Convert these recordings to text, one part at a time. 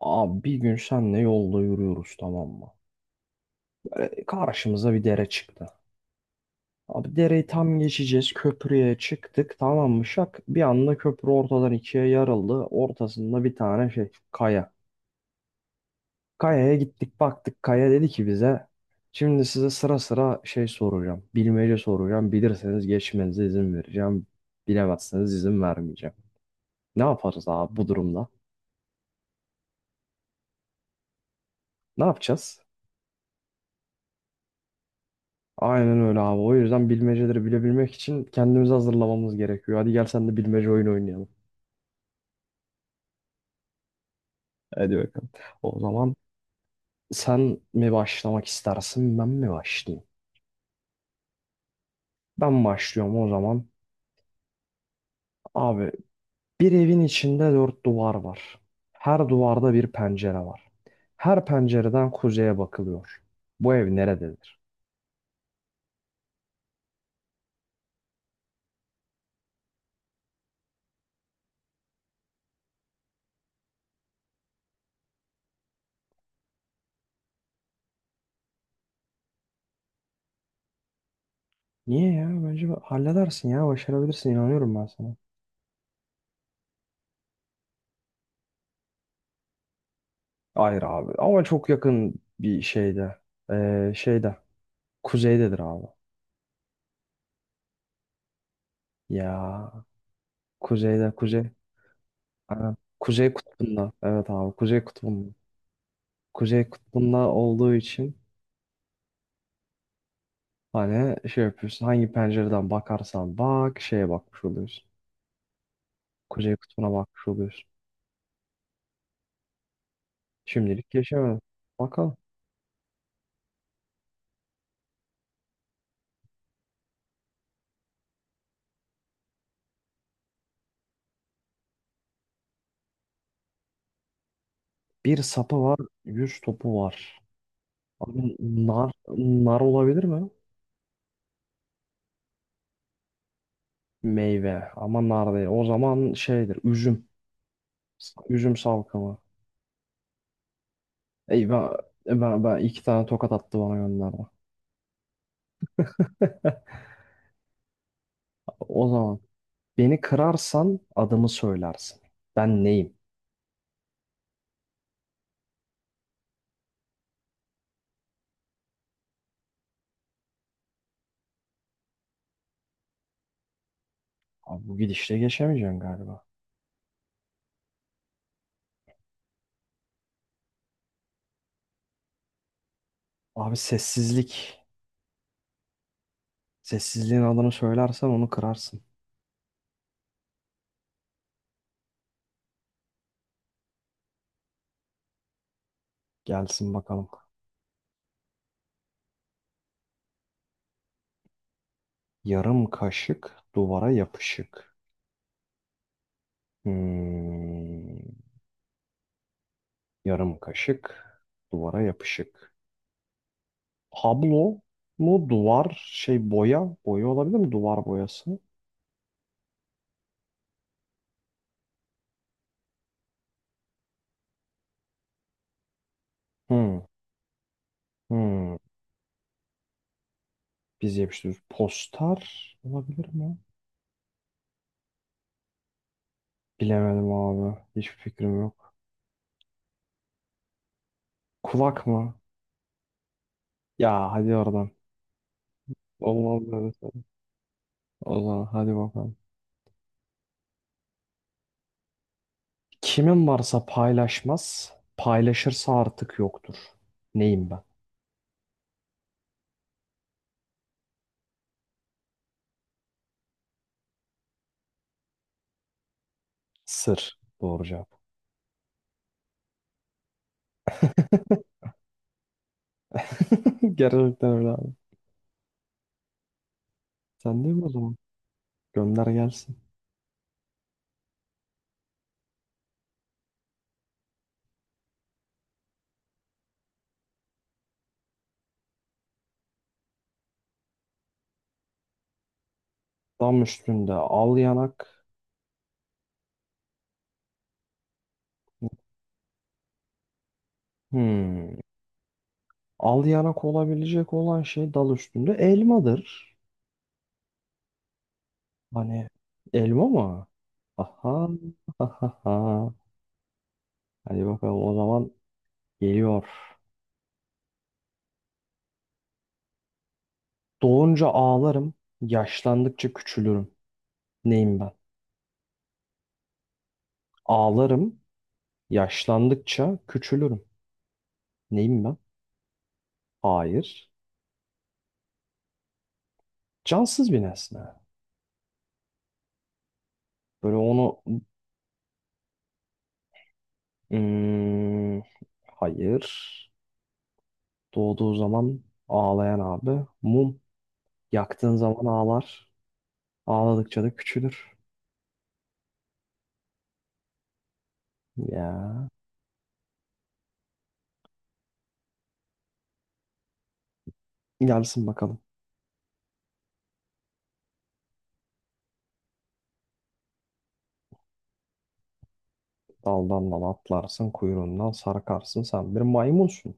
Abi bir gün senle yolda yürüyoruz, tamam mı? Böyle karşımıza bir dere çıktı. Abi dereyi tam geçeceğiz. Köprüye çıktık, tamam mı, şak? Bir anda köprü ortadan ikiye yarıldı. Ortasında bir tane şey, kaya. Kayaya gittik, baktık. Kaya dedi ki bize, şimdi size sıra sıra şey soracağım. Bilmece soracağım. Bilirseniz geçmenize izin vereceğim. Bilemezseniz izin vermeyeceğim. Ne yaparız abi bu durumda? Ne yapacağız? Aynen öyle abi. O yüzden bilmeceleri bilebilmek için kendimizi hazırlamamız gerekiyor. Hadi gel sen de bilmece oyunu oynayalım. Hadi bakalım. O zaman sen mi başlamak istersin, ben mi başlayayım? Ben başlıyorum o zaman. Abi, bir evin içinde dört duvar var. Her duvarda bir pencere var. Her pencereden kuzeye bakılıyor. Bu ev nerededir? Niye ya? Bence halledersin ya. Başarabilirsin. İnanıyorum ben sana. Hayır abi. Ama çok yakın bir şeyde. Şeyde. Kuzeydedir abi. Ya, kuzeyde kuzey. Aynen. Kuzey kutbunda. Evet abi, kuzey kutbunda. Kuzey kutbunda olduğu için hani şey yapıyorsun. Hangi pencereden bakarsan bak şeye bakmış oluyorsun. Kuzey kutbuna bakmış oluyorsun. Şimdilik geçemedim. Bakalım. Bir sapı var. Yüz topu var. Abi nar olabilir mi? Meyve ama nar değil. O zaman şeydir, üzüm. Üzüm salkımı. Ey ben iki tane tokat attı bana gönderdi. O zaman. Beni kırarsan adımı söylersin. Ben neyim? Abi bu gidişle geçemeyeceğim galiba. Abi, sessizlik. Sessizliğin adını söylersen onu kırarsın. Gelsin bakalım. Yarım kaşık duvara yapışık. Hmm, yarım kaşık duvara yapışık. Tablo mu, duvar şey, boya? Boya olabilir mi? Duvar boyası. Hmm, hmm. Biz yapıştırıyoruz. Poster olabilir mi? Bilemedim abi. Hiçbir fikrim yok. Kulak mı? Ya hadi oradan. Olmaz böyle şey. O zaman hadi bakalım. Kimin varsa paylaşmaz, paylaşırsa artık yoktur. Neyim ben? Sır. Doğru cevap. Gerçekten öyle abi. Sen değil mi o zaman? Gönder gelsin. Dam üstünde al yanak. Hmm. Al yanak olabilecek olan şey dal üstünde, elmadır. Hani, elma mı? Aha. Aha. Hadi bakalım o zaman, geliyor. Doğunca ağlarım, yaşlandıkça küçülürüm. Neyim ben? Ağlarım, yaşlandıkça küçülürüm. Neyim ben? Hayır. Cansız bir nesne. Böyle onu... Hmm, hayır. Doğduğu zaman ağlayan abi. Mum. Yaktığın zaman ağlar. Ağladıkça da küçülür. Ya. Gelsin bakalım. Daldan dala atlarsın, kuyruğundan sarkarsın. Sen bir maymunsun.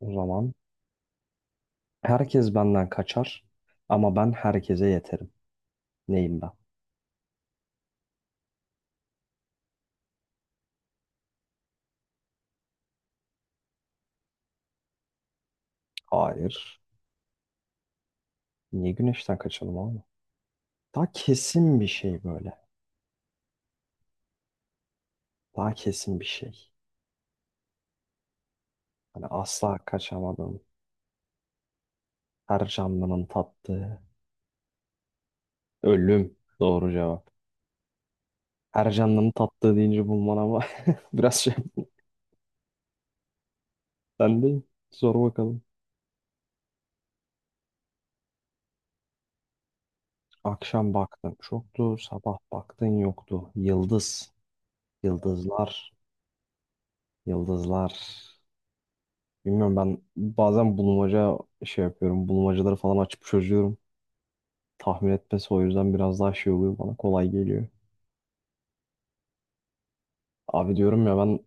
O zaman herkes benden kaçar ama ben herkese yeterim. Neyim ben? Hayır. Niye güneşten kaçalım oğlum? Daha kesin bir şey böyle. Daha kesin bir şey. Hani asla kaçamadım. Her canlının tattığı. Ölüm. Doğru cevap. Her canlının tattığı deyince bulman ama biraz şey. Ben değil. Sor bakalım. Akşam baktın çoktu. Sabah baktın yoktu. Yıldız. Yıldızlar. Yıldızlar. Bilmiyorum, ben bazen bulmaca şey yapıyorum. Bulmacaları falan açıp çözüyorum. Tahmin etmesi o yüzden biraz daha şey oluyor, bana kolay geliyor. Abi, diyorum ya ben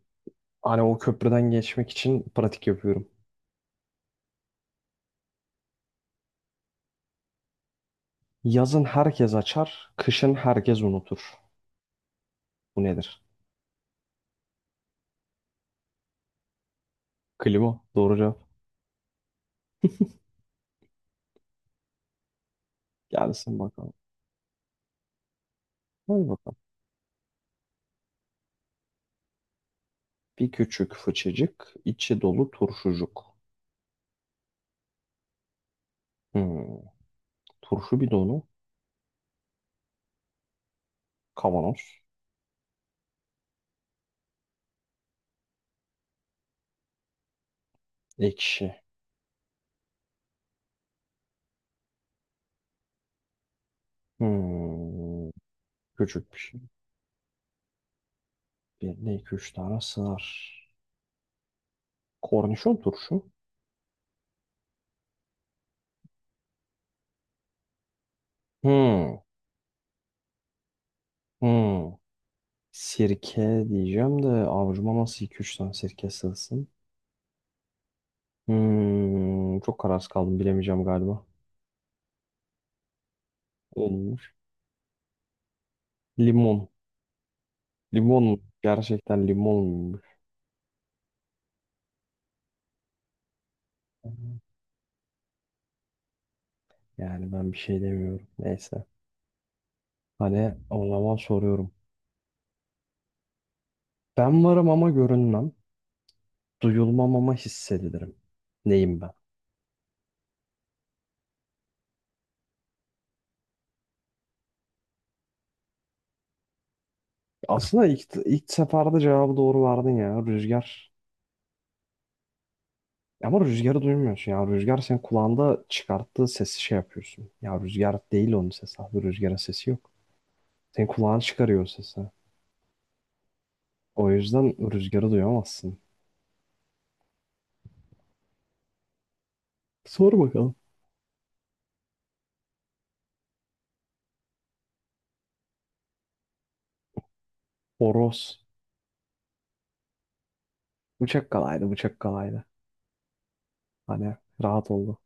hani o köprüden geçmek için pratik yapıyorum. Yazın herkes açar, kışın herkes unutur. Bu nedir? Klima. Doğru cevap. Gelsin bakalım. Hadi bakalım. Bir küçük fıçıcık, içi dolu turşucuk. Hmm. Turşu bidonu, kavanoz, ekşi. Hmm. Küçük bir şey. Bir, iki, üç tane sığar. Kornişon turşu. Hmm. Hmm. Sirke diyeceğim de avucuma nasıl iki üç tane sirke sığsın? Hmm. Çok kararsız kaldım, bilemeyeceğim galiba. Olmuş. Limon. Limon mu? Gerçekten limon muymuş? Yani ben bir şey demiyorum. Neyse. Hani o zaman soruyorum. Ben varım ama görünmem. Duyulmam ama hissedilirim. Neyim ben? Aslında ilk seferde cevabı doğru verdin ya. Rüzgar. Ama rüzgarı duymuyorsun ya. Rüzgar senin kulağında çıkarttığı sesi şey yapıyorsun. Ya rüzgar değil, onun sesi abi. Rüzgarın sesi yok. Senin kulağın çıkarıyor o sesi. O yüzden rüzgarı duyamazsın. Sor bakalım. Horoz. Bıçak kalaydı, bıçak kalaydı. Hani rahat oldu.